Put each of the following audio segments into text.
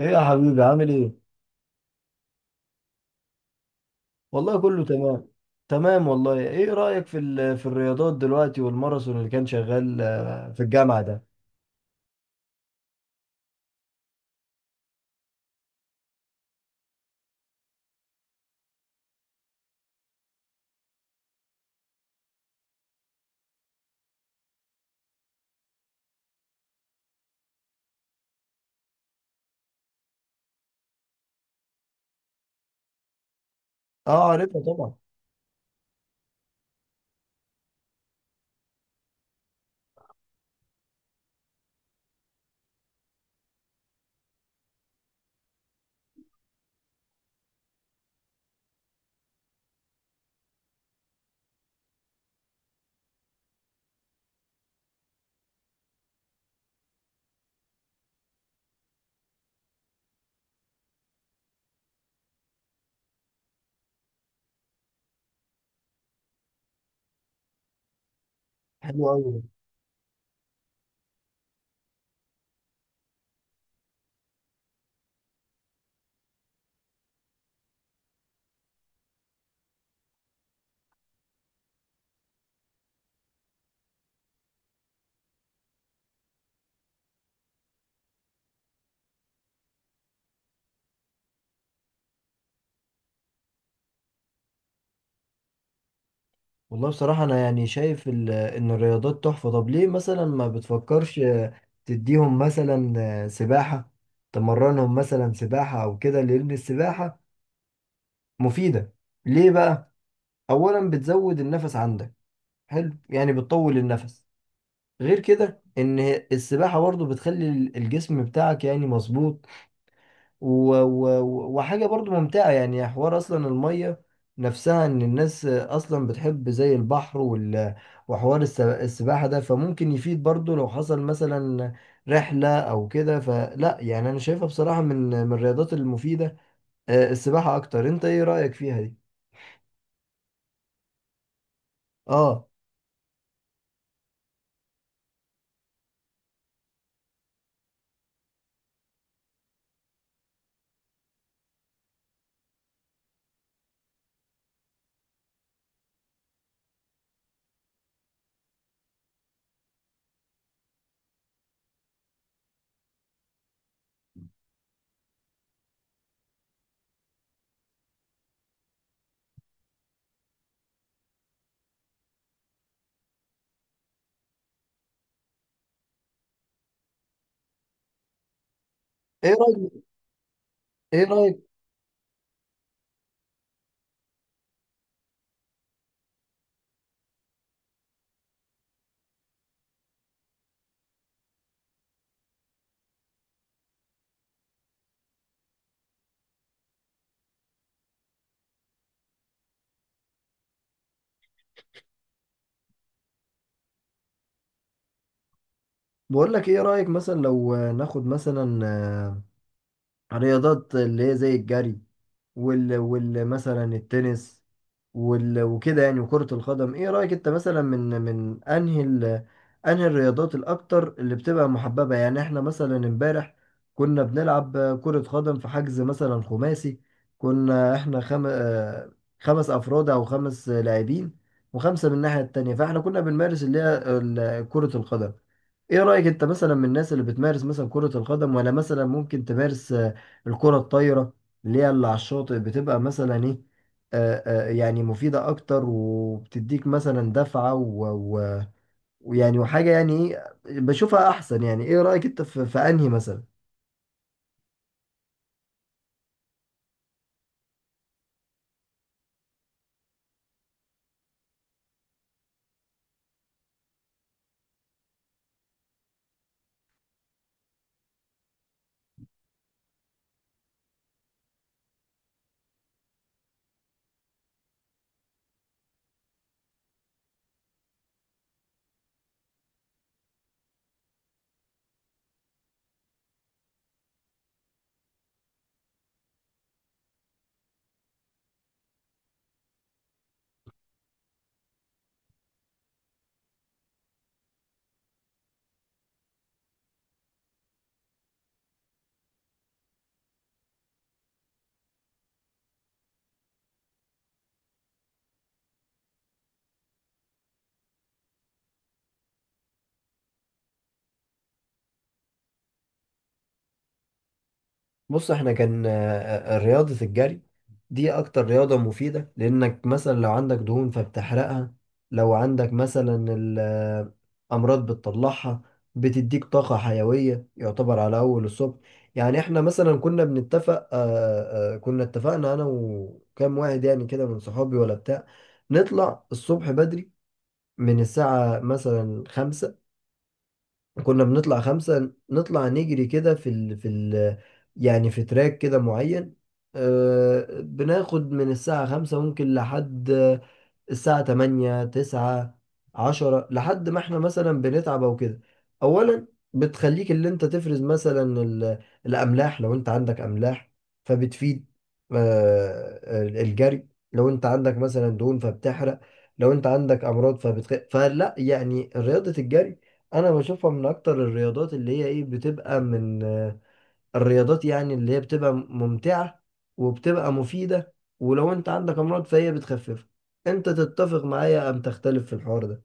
ايه يا حبيبي، عامل ايه؟ والله كله تمام. تمام والله. ايه رأيك في الرياضات دلوقتي والماراثون اللي كان شغال، في الجامعة ده؟ اه، عارفها طبعا. حلو قوي. والله بصراحة انا يعني شايف ان الرياضات تحفة. طب ليه مثلا ما بتفكرش تديهم مثلا سباحة؟ تمرنهم مثلا سباحة او كده، لان السباحة مفيدة. ليه بقى؟ اولا بتزود النفس عندك، حلو يعني بتطول النفس. غير كده ان السباحة برضو بتخلي الجسم بتاعك يعني مظبوط، و... و... وحاجة برضو ممتعة يعني. حوار اصلا المية نفسها، ان الناس اصلا بتحب زي البحر وحوار السباحة ده، فممكن يفيد برضو لو حصل مثلا رحلة او كده. فلا يعني انا شايفها بصراحة من الرياضات المفيدة، السباحة اكتر. انت ايه رأيك فيها دي؟ اه، ايه رأيك؟ ايه رأيك؟ بقول لك، ايه رأيك مثلا لو ناخد مثلا رياضات اللي هي زي الجري وال, وال مثلا التنس وكده يعني، وكرة القدم. ايه رأيك انت مثلا من انهي انهي الرياضات الاكتر اللي بتبقى محببة؟ يعني احنا مثلا امبارح كنا بنلعب كرة قدم في حجز مثلا خماسي، كنا احنا خم... آه، خمس افراد او خمس لاعبين وخمسة من الناحية التانية، فاحنا كنا بنمارس اللي هي كرة القدم. ايه رأيك انت مثلا، من الناس اللي بتمارس مثلا كرة القدم؟ ولا مثلا ممكن تمارس الكرة الطايرة اللي هي اللي على الشاطئ، بتبقى مثلا ايه، يعني مفيدة أكتر وبتديك مثلا دفعة ويعني وحاجة، يعني إيه؟ بشوفها أحسن يعني. إيه رأيك أنت في في أنهي مثلا؟ بص احنا كان رياضة الجري دي اكتر رياضة مفيدة، لانك مثلا لو عندك دهون فبتحرقها، لو عندك مثلا امراض بتطلعها، بتديك طاقة حيوية يعتبر على اول الصبح. يعني احنا مثلا كنا بنتفق، كنا اتفقنا انا وكام واحد يعني كده من صحابي ولا بتاع، نطلع الصبح بدري من الساعة مثلا خمسة. كنا بنطلع خمسة، نطلع نجري كده في يعني في تراك كده معين. بناخد من الساعة خمسة ممكن لحد الساعة 8 9 10، لحد ما احنا مثلا بنتعب او كده. اولا بتخليك اللي انت تفرز مثلا الاملاح لو انت عندك املاح، فبتفيد آه، الجري. لو انت عندك مثلا دهون فبتحرق، لو انت عندك امراض فلا يعني، رياضة الجري انا بشوفها من اكتر الرياضات اللي هي ايه، بتبقى من الرياضات يعني اللي هي بتبقى ممتعة وبتبقى مفيدة، ولو انت عندك امراض فهي بتخففها. انت تتفق معايا ام تختلف في الحوار ده؟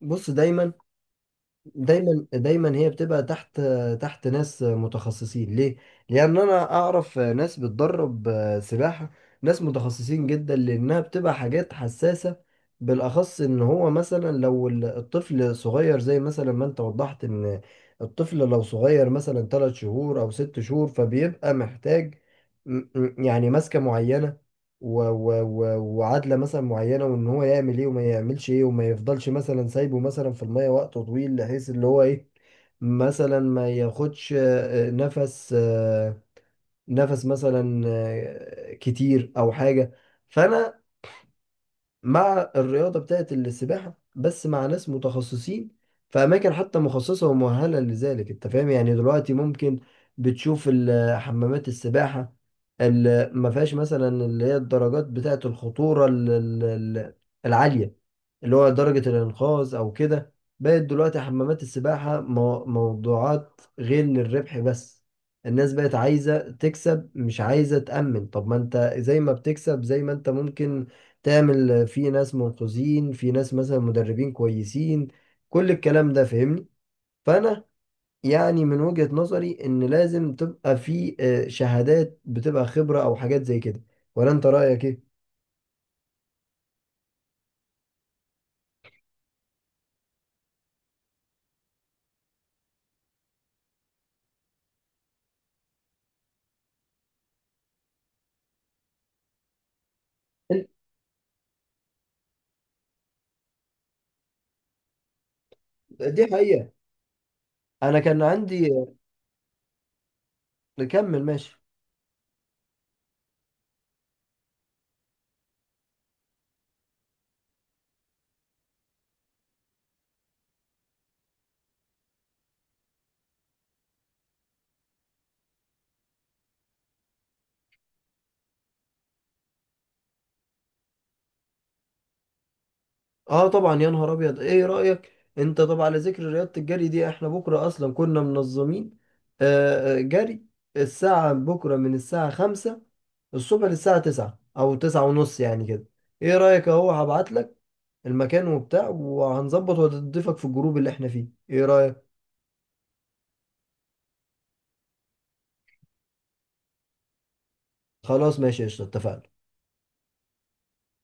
بص، دايما دايما دايما هي بتبقى تحت ناس متخصصين. ليه؟ لأن أنا أعرف ناس بتدرب سباحة، ناس متخصصين جدا لأنها بتبقى حاجات حساسة، بالأخص إن هو مثلا لو الطفل صغير، زي مثلا ما أنت وضحت، إن الطفل لو صغير مثلا تلات شهور أو ست شهور فبيبقى محتاج يعني ماسكة معينة و و و وعادلة مثلا معينة، وان هو يعمل ايه وما يعملش ايه، وما يفضلش مثلا سايبه مثلا في المية وقت طويل، بحيث اللي هو ايه، مثلا ما ياخدش نفس، نفس مثلا كتير او حاجة. فانا مع الرياضة بتاعت السباحة، بس مع ناس متخصصين في أماكن حتى مخصصة ومؤهلة لذلك. أنت فاهم يعني؟ دلوقتي ممكن بتشوف حمامات السباحة اللي ما فيهاش مثلا اللي هي الدرجات بتاعت الخطورة العالية، اللي هو درجة الإنقاذ أو كده. بقت دلوقتي حمامات السباحة موضوعات غير للربح بس، الناس بقت عايزة تكسب مش عايزة تأمن. طب ما انت زي ما بتكسب، زي ما انت ممكن تعمل في ناس منقذين، في ناس مثلا مدربين كويسين. كل الكلام ده فاهمني؟ فانا يعني من وجهة نظري، ان لازم تبقى في شهادات، بتبقى خبرة او حاجات زي كده. ولا انت رأيك ايه؟ ال- دي حقيقة. انا كان عندي، كمل ماشي. اه طبعا، يا نهار ابيض، ايه رأيك؟ انت طبعا على ذكر رياضة الجري دي، احنا بكرة اصلا كنا منظمين جري الساعة. بكرة من الساعة خمسة الصبح للساعة تسعة او تسعة ونص يعني كده. ايه رأيك؟ اهو هبعت لك المكان وبتاع، وهنظبط وهتضيفك في الجروب اللي احنا فيه. ايه رأيك؟ خلاص ماشي، قشطة، اتفقنا.